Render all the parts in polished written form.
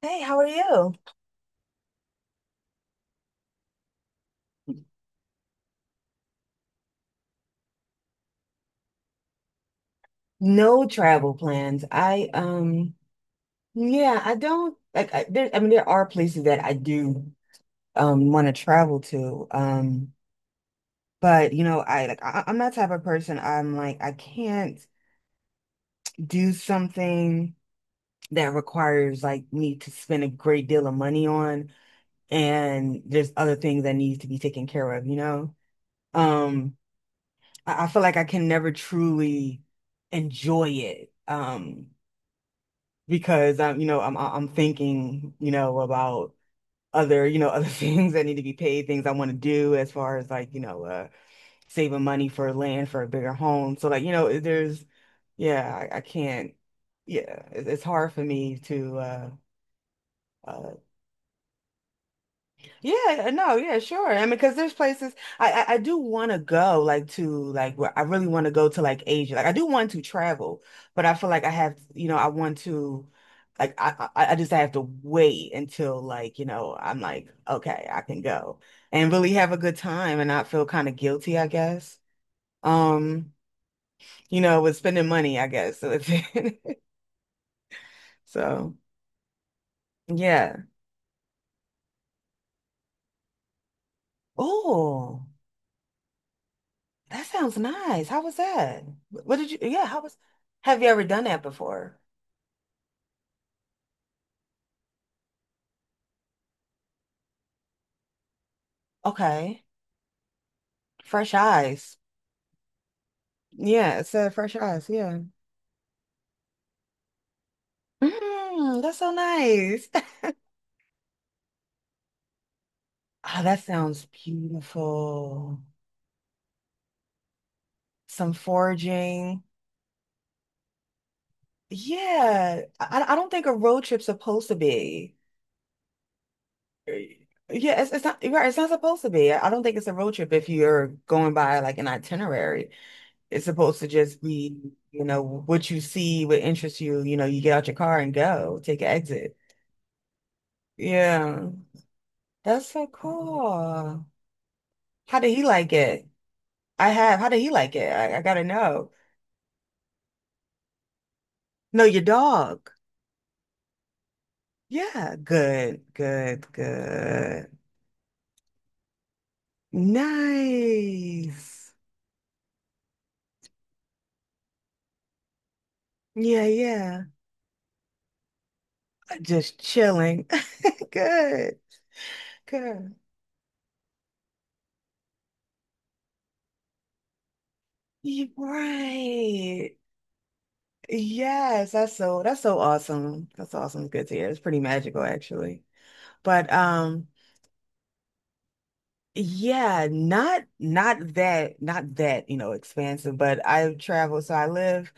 Hey, how are you? No travel plans. I Yeah, I don't like— there— I mean, there are places that I do want to travel to. But you know, I— I'm that type of person. I'm like, I can't do something that requires, like, me to spend a great deal of money on, and there's other things that need to be taken care of, you know? Um I feel like I can never truly enjoy it. Because I'm, you know, I'm thinking, you know, about other, you know, other things that need to be paid, things I want to do as far as, like, you know, saving money for land for a bigger home. So like, you know, there's— yeah, I can't— yeah, it's hard for me to uh yeah, no, yeah, sure. I mean, because there's places I do want to go, like— to, like, where I really want to go to, like, Asia. Like, I do want to travel, but I feel like I have, you know, I want to, like I just have to wait until, like, you know, I'm like, okay, I can go and really have a good time and not feel kind of guilty, I guess. Um, you know, with spending money, I guess. So, so yeah. Oh. That sounds nice. How was that? What did you— yeah, how was— have you ever done that before? Okay. Fresh eyes. Yeah, it said fresh eyes. Yeah. Mm, that's so nice. Oh, that sounds beautiful. Some foraging. Yeah. I don't think a road trip's supposed to be. Yeah, it's not, you're right. It's not supposed to be. I don't think it's a road trip if you're going by, like, an itinerary. It's supposed to just be, you know, what you see, what interests you, you know, you get out your car and go, take an exit. Yeah. That's so cool. How did he like it? I have. How did he like it? I gotta know. No, your dog. Yeah. Good, good, good. Nice. Yeah, yeah. Just chilling. Good, good. You're right. Yes, that's so— that's so awesome. That's awesome. Good to hear. It's pretty magical actually. But Yeah, not that, you know, expansive, but I've traveled, so I live—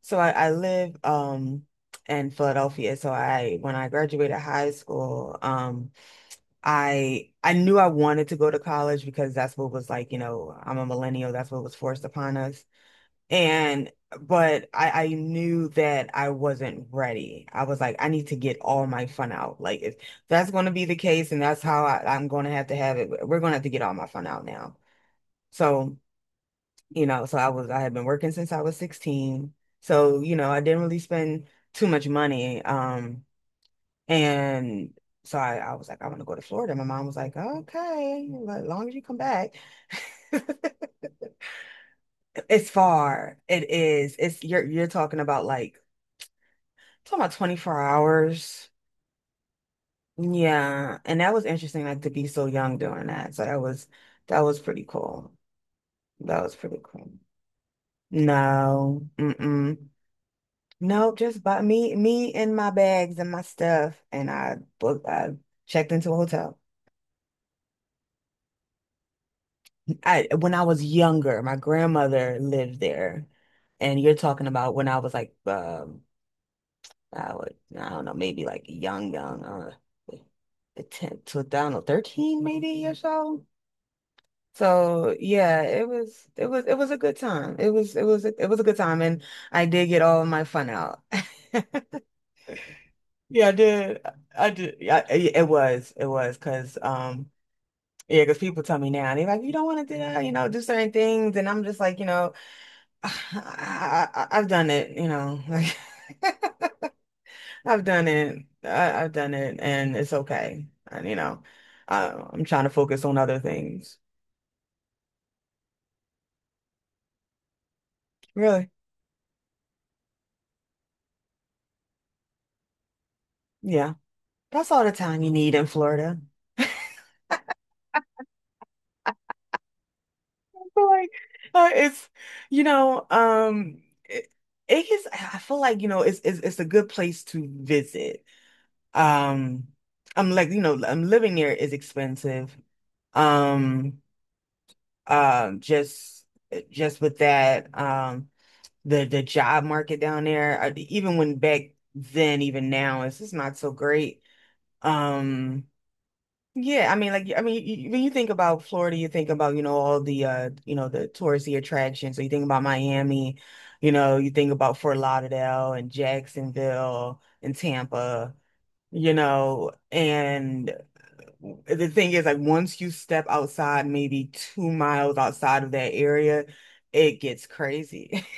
so I live in Philadelphia. So I— when I graduated high school, I knew I wanted to go to college, because that's what was, like, you know, I'm a millennial, that's what was forced upon us. And but I knew that I wasn't ready. I was like, I need to get all my fun out. Like, if that's going to be the case and that's how I'm going to have it, we're going to have to get all my fun out now. So, you know, so I had been working since I was 16. So, you know, I didn't really spend too much money. And so I was like, I want to go to Florida. My mom was like, okay, as long as you come back. It's far. It is. It's You're talking about, like— talking about 24 hours. Yeah. And that was interesting, like, to be so young doing that. So that was pretty cool. That was pretty cool. No. Mm-mm. No, just bought me and my bags and my stuff. And I checked into a hotel. I When I was younger, my grandmother lived there. And you're talking about when I was, like, I don't know, maybe like young, young, 10, to, I don't know, 13 maybe or so. So yeah, it was it was a good time. It was it was a good time, and I did get all my fun out. Yeah, I did. I did. Yeah, it was. It was, because yeah, because people tell me now, they're like, you don't want to do that, you know, do certain things, and I'm just like, you know, I've done it, you know, like I've done it. I've done it, and it's okay. And you know, I'm trying to focus on other things. Really? Yeah, that's all the time you need in Florida. Feel like— it's, you know, it is, I feel like, you know, it's it's a good place to visit. um I'm like, you know, I'm— living there is expensive. um just, with that, the job market down there— I, even when— back then, even now, it's just not so great. Um, yeah, I mean, like— I mean, you— when you think about Florida, you think about, you know, all the, you know, the touristy attractions. So you think about Miami, you know, you think about Fort Lauderdale and Jacksonville and Tampa, you know, and the thing is, like, once you step outside, maybe 2 miles outside of that area, it gets crazy.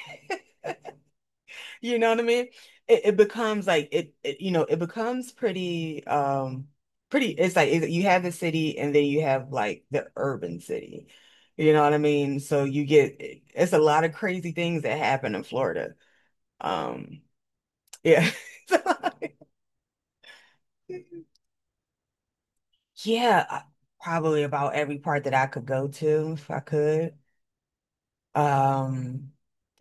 You know what I mean? It becomes like— it, you know, it becomes pretty, pretty— it's like— it, you have the city, and then you have, like, the urban city. You know what I mean? So you get— it's a lot of crazy things that happen in Florida. Um, yeah. Yeah, probably about every part that I could go to if I could. Um,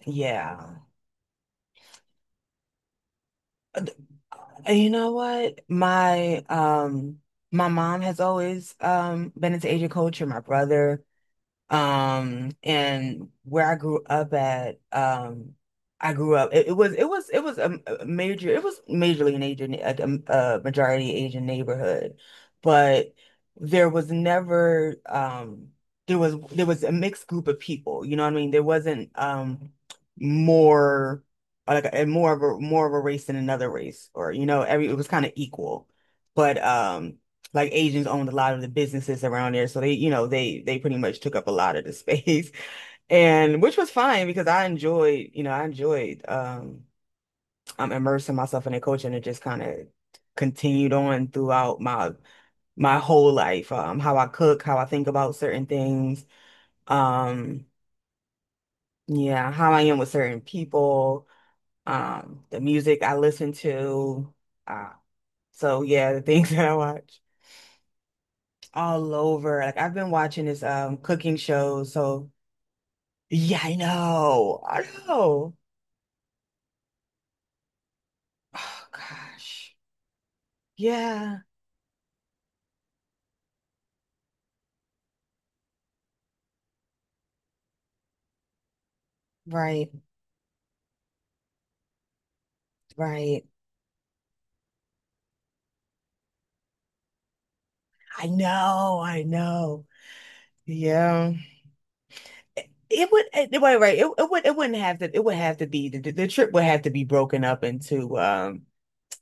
yeah. And you know what? My mom has always been into Asian culture. My brother, and where I grew up at, I grew up. It was a, major— it was majorly an Asian, a majority Asian neighborhood, but there was never there was a mixed group of people. You know what I mean? There wasn't, more like a, more of a race than another race, or, you know, every— it was kind of equal. But Like, Asians owned a lot of the businesses around there. So they, you know, they pretty much took up a lot of the space. And which was fine, because I enjoyed, you know, I'm immersing myself in their culture, and it just kind of continued on throughout my whole life. How I cook, how I think about certain things, um, yeah, how I am with certain people, the music I listen to. Uh, so yeah, the things that I watch. All over. Like, I've been watching this cooking show, so yeah, I know. I know. Oh gosh. Yeah, right, right. I know, I know. Yeah. It would— it, right, right. It would— it wouldn't have to— it would have to be— the trip would have to be broken up into.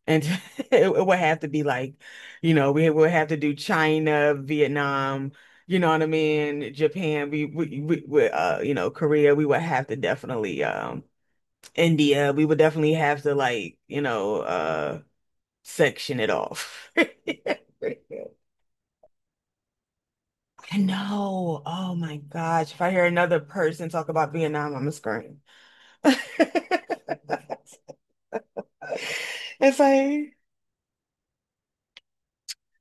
And it would have to be like, you know, we would have to do China, Vietnam, you know what I mean? Japan, we, you know, Korea, we would have to, definitely, India, we would definitely have to, like, you know, section it off. I know. Oh my gosh. If I hear another person talk about Vietnam, I'm gonna scream. It's like,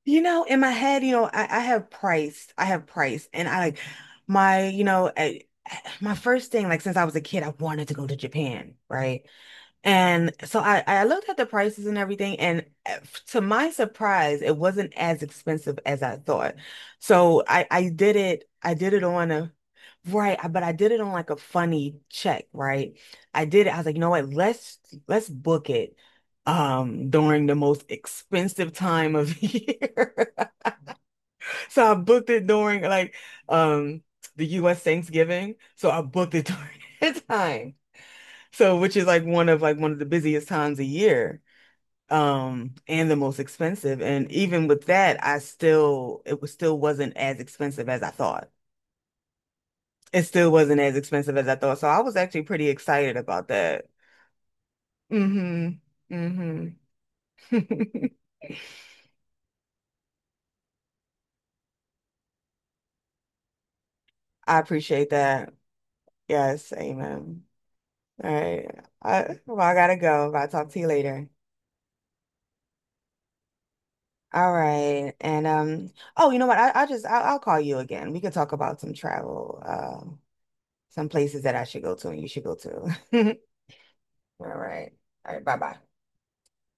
you know, in my head, you know, I have price. I have price. And I like my— you know, my first thing, like, since I was a kid, I wanted to go to Japan, right? And so I looked at the prices and everything, and to my surprise, it wasn't as expensive as I thought. So I did it on a— right, but I did it on like a funny check, right? I did it, I was like, you know what, let's book it during the most expensive time of year. So I booked it during, like, um the US Thanksgiving. So I booked it during that time. So, which is like one of the busiest times a year, and the most expensive. And even with that, I still it was still wasn't as expensive as I thought. It still wasn't as expensive as I thought. So I was actually pretty excited about that. Hmm. Hmm. I appreciate that. Yes, amen. All right. Well, I gotta go, but I'll talk to you later. All right. And oh, you know what? I'll call you again. We could talk about some travel. Some places that I should go to and you should go to. All right. All right. Bye bye.